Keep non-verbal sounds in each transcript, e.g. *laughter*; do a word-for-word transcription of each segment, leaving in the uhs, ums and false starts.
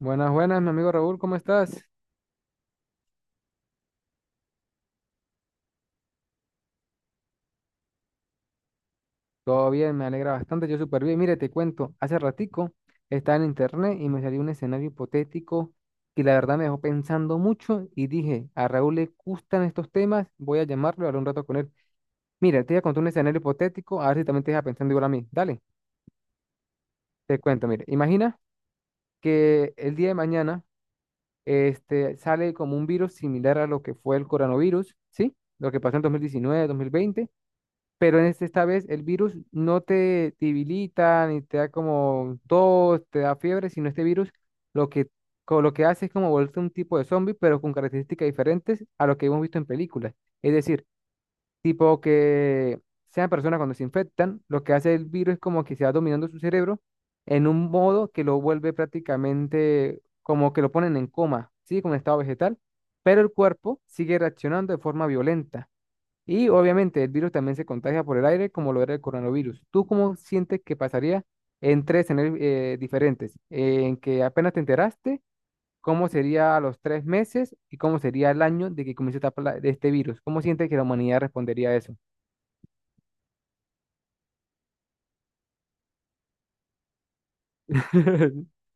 Buenas, buenas, mi amigo Raúl, ¿cómo estás? Todo bien, me alegra bastante, yo súper bien. Mire, te cuento, hace ratico estaba en internet y me salió un escenario hipotético que la verdad me dejó pensando mucho y dije, a Raúl le gustan estos temas, voy a llamarlo y hablar un rato con él. Mira, te voy a contar un escenario hipotético, a ver si también te deja pensando igual a mí. Dale, te cuento, mire, imagina que el día de mañana este, sale como un virus similar a lo que fue el coronavirus, ¿sí? Lo que pasó en dos dos mil diecinueve dos mil veinte. Pero en este, esta vez el virus no te debilita ni te da como tos, te da fiebre, sino este virus lo que, co- lo que hace es como volverte un tipo de zombie, pero con características diferentes a lo que hemos visto en películas. Es decir, tipo que sean personas cuando se infectan, lo que hace el virus es como que se va dominando su cerebro en un modo que lo vuelve prácticamente como que lo ponen en coma, ¿sí? Como en estado vegetal, pero el cuerpo sigue reaccionando de forma violenta. Y obviamente el virus también se contagia por el aire, como lo era el coronavirus. ¿Tú cómo sientes que pasaría en tres escenarios eh, diferentes? En que apenas te enteraste, ¿cómo sería a los tres meses y cómo sería el año de que comience esta pla- de este virus? ¿Cómo sientes que la humanidad respondería a eso? *laughs*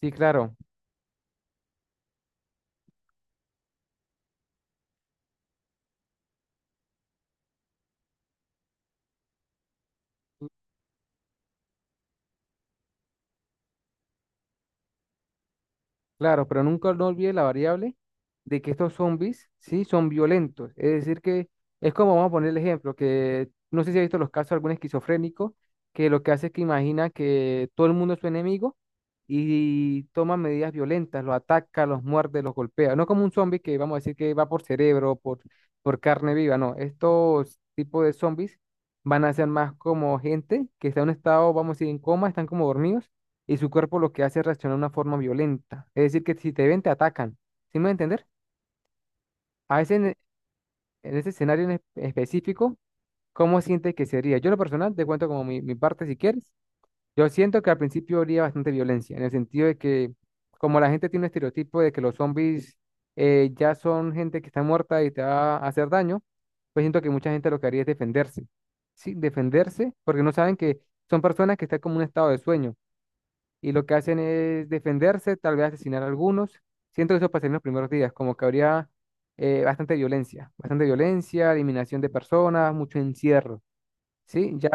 Sí, claro. Claro, pero nunca no olvide la variable de que estos zombies, sí, son violentos. Es decir, que es como vamos a poner el ejemplo, que no sé si ha visto los casos de algún esquizofrénico, que lo que hace es que imagina que todo el mundo es su enemigo y toma medidas violentas, los ataca, los muerde, los golpea. No como un zombie que vamos a decir que va por cerebro, por, por carne viva, no. Estos tipos de zombies van a ser más como gente que está en un estado, vamos a decir, en coma, están como dormidos y su cuerpo lo que hace es reaccionar de una forma violenta. Es decir, que si te ven, te atacan. ¿Sí me voy a entender? A veces en, e- en ese escenario en espe- específico, ¿cómo sientes que sería? Yo, en lo personal, te cuento como mi, mi parte si quieres. Yo siento que al principio habría bastante violencia, en el sentido de que, como la gente tiene un estereotipo de que los zombies eh, ya son gente que está muerta y te va a hacer daño, pues siento que mucha gente lo que haría es defenderse. Sí, defenderse, porque no saben que son personas que están como en un estado de sueño, y lo que hacen es defenderse, tal vez asesinar a algunos. Siento que eso pasaría en los primeros días, como que habría eh, bastante violencia, bastante violencia, eliminación de personas, mucho encierro, ¿sí? Ya,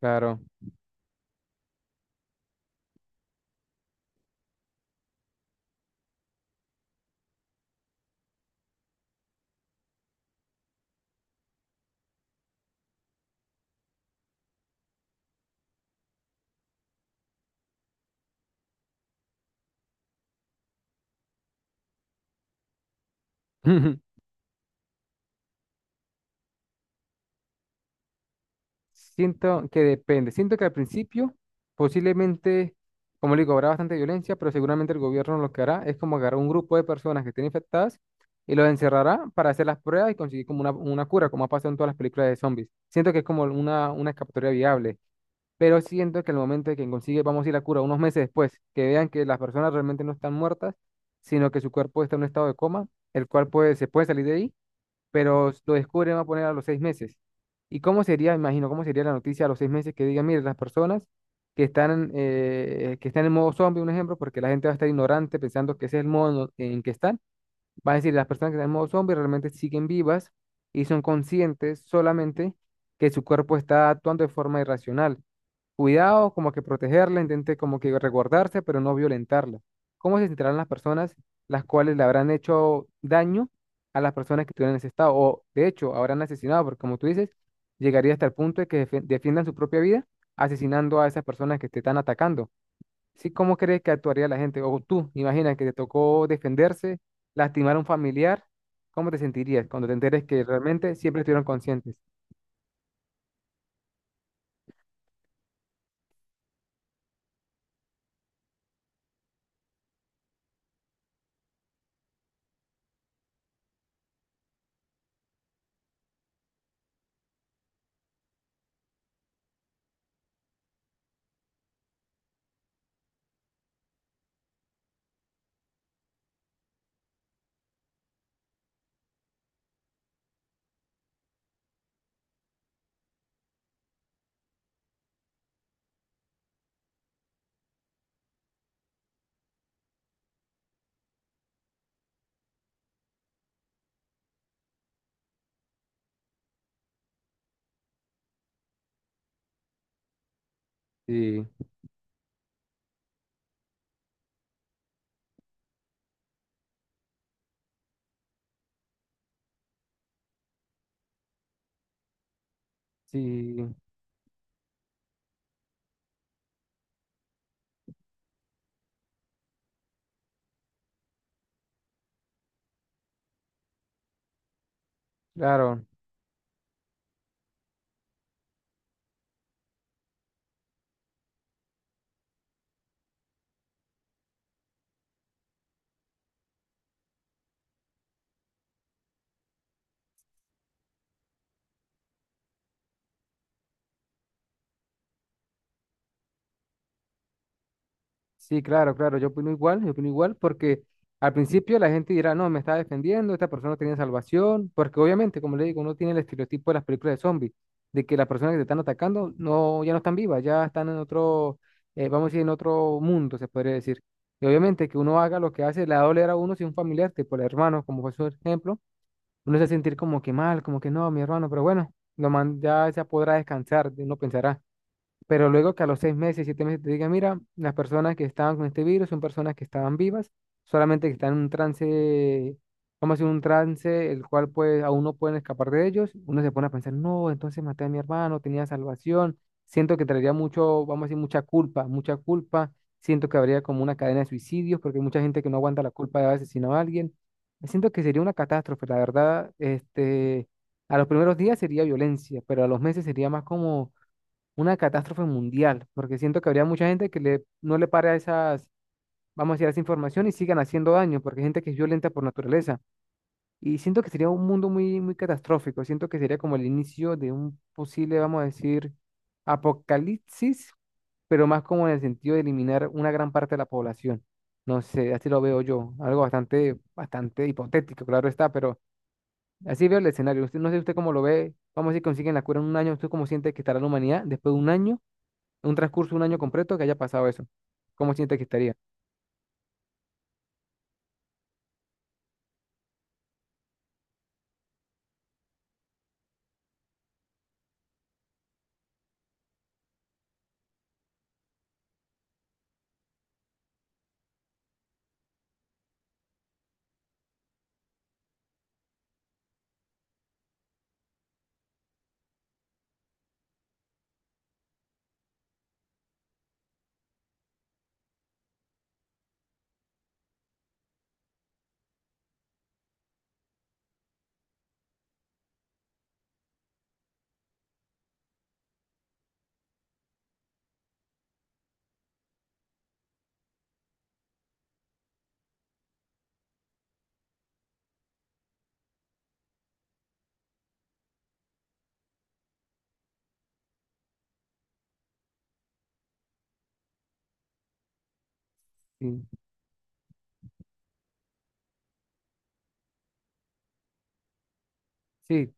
claro. *laughs* Siento que depende. Siento que al principio posiblemente, como le digo, habrá bastante violencia, pero seguramente el gobierno lo que hará es como agarrar un grupo de personas que estén infectadas y los encerrará para hacer las pruebas y conseguir como una, una cura, como ha pasado en todas las películas de zombies. Siento que es como una, una escapatoria viable. Pero siento que al momento de que consigue, vamos a ir a cura unos meses después, que vean que las personas realmente no están muertas, sino que su cuerpo está en un estado de coma, el cual puede, se puede salir de ahí, pero lo descubren, va a poner a los seis meses. ¿Y cómo sería, imagino, cómo sería la noticia a los seis meses que digan, mire, las personas que están, eh, que están en modo zombie, un ejemplo, porque la gente va a estar ignorante pensando que ese es el modo en que están, va a decir, las personas que están en modo zombie realmente siguen vivas y son conscientes solamente que su cuerpo está actuando de forma irracional. Cuidado, como que protegerla, intente como que resguardarse, pero no violentarla. ¿Cómo se sentirán las personas las cuales le habrán hecho daño a las personas que estuvieron en ese estado? O de hecho, habrán asesinado, porque como tú dices, llegaría hasta el punto de que defe- defiendan su propia vida asesinando a esas personas que te están atacando. ¿Sí? ¿Cómo crees que actuaría la gente? O tú, imagina que te tocó defenderse, lastimar a un familiar. ¿Cómo te sentirías cuando te enteres que realmente siempre estuvieron conscientes? Sí, sí, claro. Sí, claro, claro, yo opino igual, yo opino igual porque al principio la gente dirá, no, me está defendiendo, esta persona no tiene salvación, porque obviamente, como le digo, uno tiene el estereotipo de las películas de zombies, de que las personas que te están atacando no, ya no están vivas, ya están en otro, eh, vamos a decir, en otro mundo, se podría decir. Y obviamente que uno haga lo que hace, le va a doler a uno si un familiar, tipo el hermano, como fue su ejemplo, uno se va a sentir como que mal, como que no, mi hermano, pero bueno, lo man, ya se podrá descansar, uno pensará. Pero luego que a los seis meses, siete meses te diga, mira, las personas que estaban con este virus son personas que estaban vivas, solamente que están en un trance, vamos a decir, un trance el cual pues aún no pueden escapar de ellos, uno se pone a pensar, no, entonces maté a mi hermano, tenía salvación, siento que traería mucho, vamos a decir, mucha culpa, mucha culpa, siento que habría como una cadena de suicidios, porque hay mucha gente que no aguanta la culpa de haber asesinado a alguien, siento que sería una catástrofe, la verdad, este, a los primeros días sería violencia, pero a los meses sería más como una catástrofe mundial, porque siento que habría mucha gente que le, no le pare a esas, vamos a decir, a esa información y sigan haciendo daño, porque hay gente que es violenta por naturaleza. Y siento que sería un mundo muy, muy catastrófico, siento que sería como el inicio de un posible, vamos a decir, apocalipsis, pero más como en el sentido de eliminar una gran parte de la población. No sé, así lo veo yo, algo bastante, bastante hipotético, claro está, pero así veo el escenario. Usted, no sé usted cómo lo ve, vamos a decir, consiguen la cura en un año, ¿usted cómo siente que estará la humanidad después de un año? Un transcurso de un año completo que haya pasado eso. ¿Cómo siente que estaría? Sí, sí.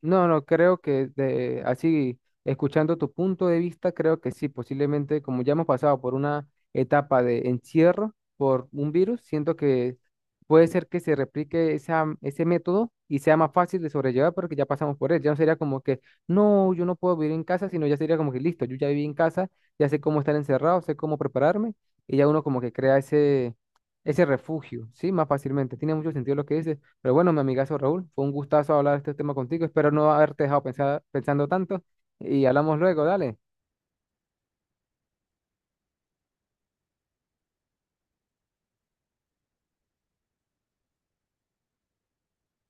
No, no, creo que de, así, escuchando tu punto de vista, creo que sí, posiblemente como ya hemos pasado por una etapa de encierro por un virus, siento que puede ser que se replique esa, ese método y sea más fácil de sobrellevar porque ya pasamos por él. Ya no sería como que, no, yo no puedo vivir en casa, sino ya sería como que, listo, yo ya viví en casa, ya sé cómo estar encerrado, sé cómo prepararme y ya uno como que crea ese, ese refugio, ¿sí? Más fácilmente. Tiene mucho sentido lo que dices. Pero bueno, mi amigazo Raúl, fue un gustazo hablar de este tema contigo. Espero no haberte dejado pensar- pensando tanto. Y hablamos luego, dale.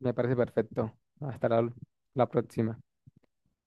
Me parece perfecto. Hasta la la próxima.